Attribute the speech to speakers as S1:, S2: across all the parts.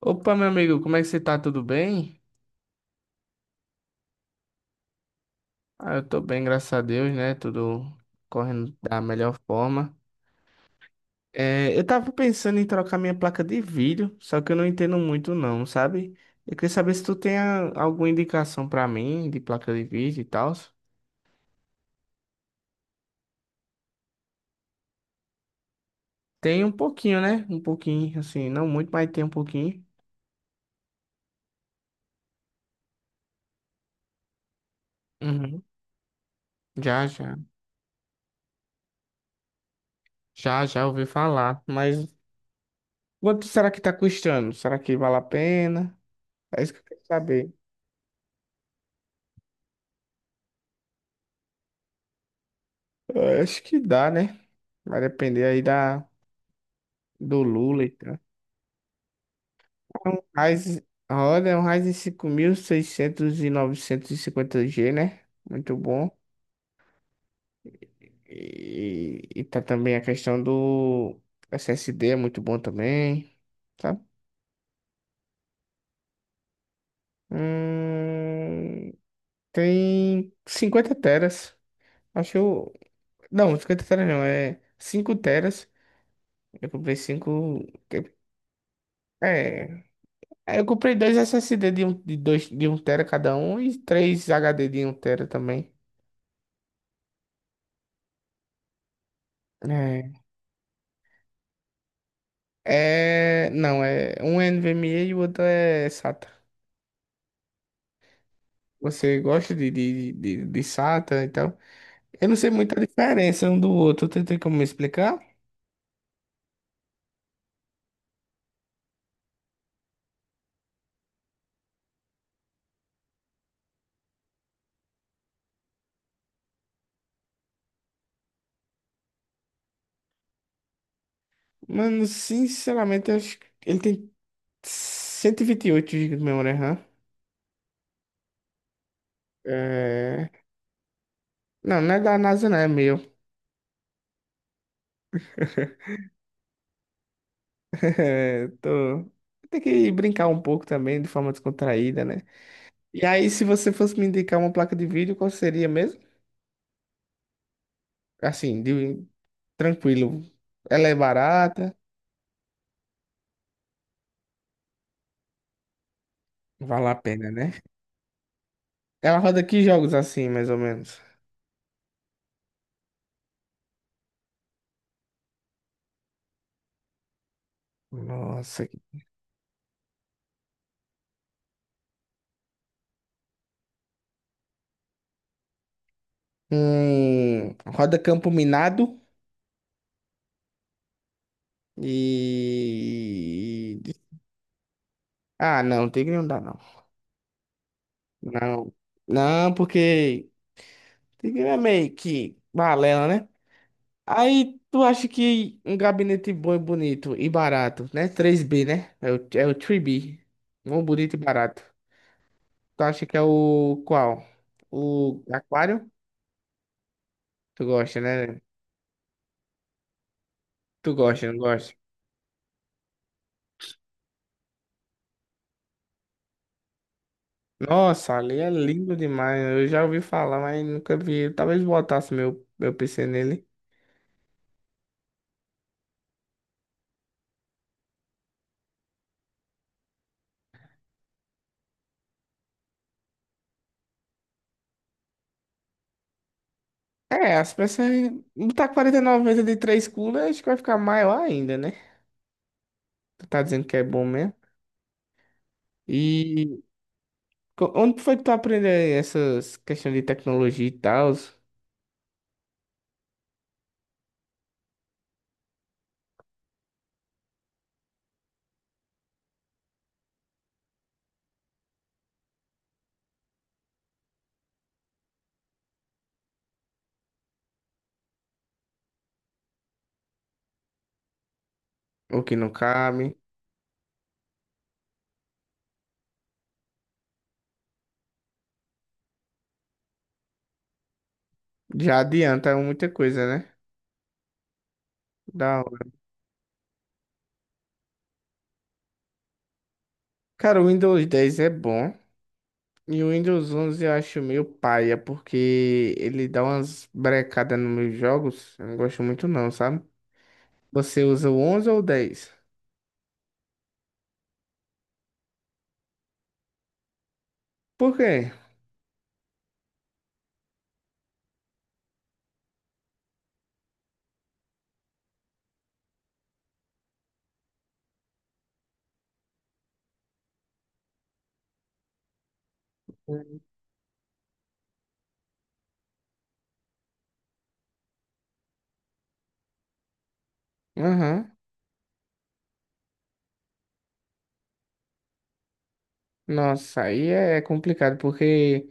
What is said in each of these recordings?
S1: Opa, meu amigo, como é que você tá? Tudo bem? Ah, eu tô bem, graças a Deus, né? Tudo correndo da melhor forma. É, eu tava pensando em trocar minha placa de vídeo, só que eu não entendo muito não, sabe? Eu queria saber se tu tem alguma indicação pra mim de placa de vídeo e tal. Tem um pouquinho, né? Um pouquinho, assim, não muito, mas tem um pouquinho. Uhum. Já, já. Já ouvi falar. Mas quanto será que tá custando? Será que vale a pena? É isso que eu quero saber. Eu acho que dá, né? Vai depender aí da, do Lula e tal. É um Ryzen, a roda é um Ryzen 5600 e seiscentos e novecentos e cinquenta g, né? Muito bom. E tá também a questão do SSD, é muito bom também. Tá? Hum, tem 50 teras. Acho que eu. Não, 50 teras não, é 5 teras. Eu comprei cinco, é. É, eu comprei dois SSD de um, de dois, de um tera cada um e três HD de um tera também. É, é, não, um é NVMe e o outro é SATA. Você gosta de SATA e tal? Eu não sei muita diferença um do outro, tu tem como me explicar? Mano, sinceramente, eu acho que ele tem cento e vinte e oito gigas de memória RAM. É. Não, não é da NASA, não, é meu. É, tô. Tem que brincar um pouco também, de forma descontraída, né? E aí, se você fosse me indicar uma placa de vídeo, qual seria mesmo? Assim, de tranquilo. Ela é barata, vale a pena, né? Ela roda que jogos assim, mais ou menos? Nossa. Roda Campo Minado e. Ah, não, Tigre não dá, não. Não, não, porque Tigre é meio que balela, né? Aí tu acha que um gabinete bom e bonito e barato, né? Três b, né? É o, é o 3B. Bom, bonito e barato. Tu acha que é o qual? O aquário? Tu gosta, né? Tu gosta, não gosta? Nossa, ali é lindo demais. Eu já ouvi falar, mas nunca vi. Talvez botasse meu, meu PC nele. É, as peças. Botar 49 vezes de 3 cooler, acho que vai ficar maior ainda, né? Tu tá dizendo que é bom mesmo. e Onde foi que tu aprendeu essas questões de tecnologia e tal? O que não cabe. Já adianta muita coisa, né? Da hora. Cara, o Windows 10 é bom. E o Windows 11 eu acho meio paia, porque ele dá umas brecadas nos meus jogos. Eu não gosto muito não, sabe? Você usa o 11 ou o 10? Por quê? Aham. Nossa, aí é complicado, porque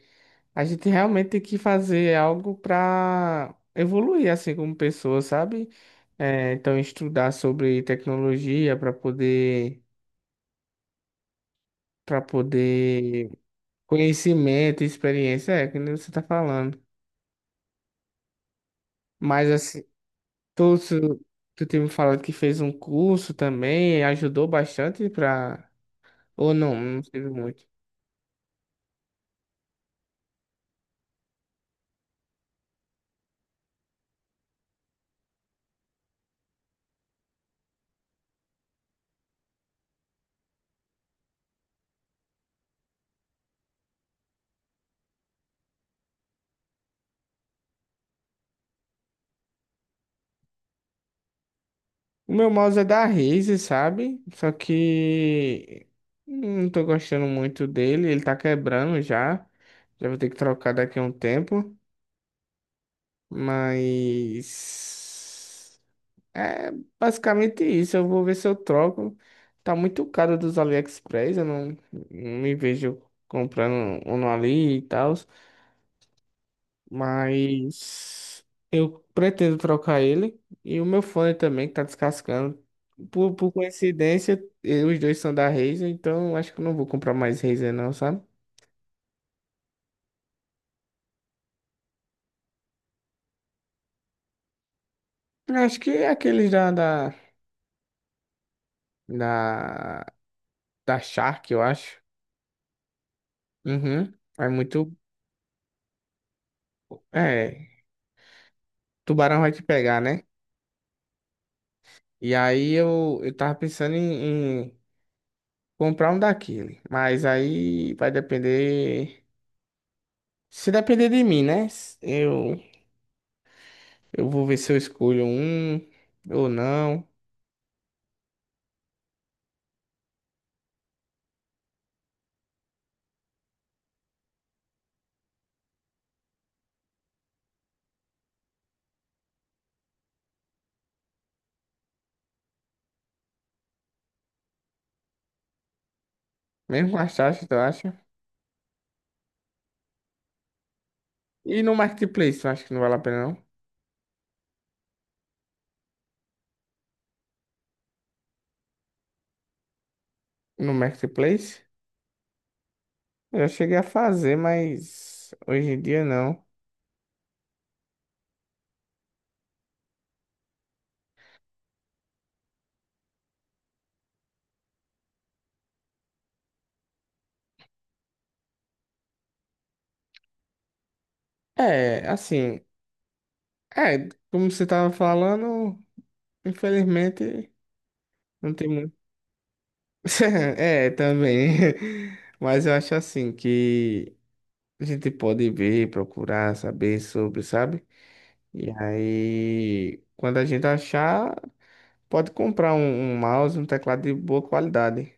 S1: a gente realmente tem que fazer algo para evoluir assim como pessoa, sabe? É, então estudar sobre tecnologia para poder conhecimento, e experiência, é que nem você tá falando. Mas assim, tu, tu tu tinha me falado que fez um curso também, ajudou bastante para ou não, não teve muito. O meu mouse é da Razer, sabe? Só que não tô gostando muito dele, ele tá quebrando já. Já vou ter que trocar daqui a um tempo, mas é basicamente isso. Eu vou ver se eu troco. Tá muito caro dos AliExpress, eu não, não me vejo comprando um no Ali e tal. Mas eu pretendo trocar ele e o meu fone também, que tá descascando. Por coincidência, os dois são da Razer, então acho que eu não vou comprar mais Razer não, sabe? Eu acho que é aqueles da, da Shark, eu acho. Uhum. É muito. É, tubarão vai te pegar, né? E aí eu tava pensando em comprar um daquele, mas aí vai depender. Se depender de mim, né? Eu... Eu vou ver se eu escolho um ou não. Mesmo com as taxas, tu acha? E no Marketplace, tu acha que não vale a pena, não? No Marketplace? Eu já cheguei a fazer, mas hoje em dia não. É, assim, é, como você tava falando, infelizmente não tem muito. É, também. Mas eu acho assim que a gente pode ver, procurar, saber sobre, sabe? E aí, quando a gente achar. Pode comprar um mouse, um teclado de boa qualidade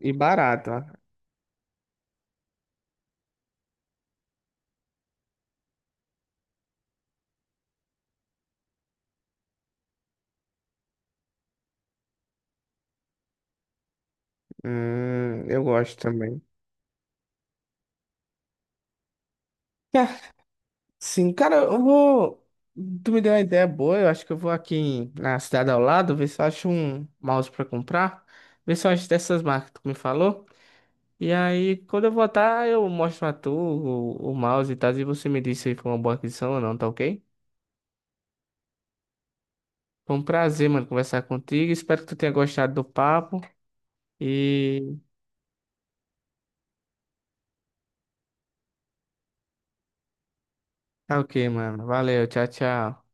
S1: e barato, ó. Eu gosto também. Tá, sim, cara, eu vou. Tu me deu uma ideia boa. Eu acho que eu vou aqui na cidade ao lado ver se eu acho um mouse pra comprar. Ver se eu acho dessas marcas que tu me falou. E aí, quando eu voltar, eu mostro a tu o mouse e tal. E você me diz se foi uma boa aquisição ou não, tá ok? Foi um prazer, mano, conversar contigo. Espero que tu tenha gostado do papo. E tá ok, mano. Valeu, tchau, tchau.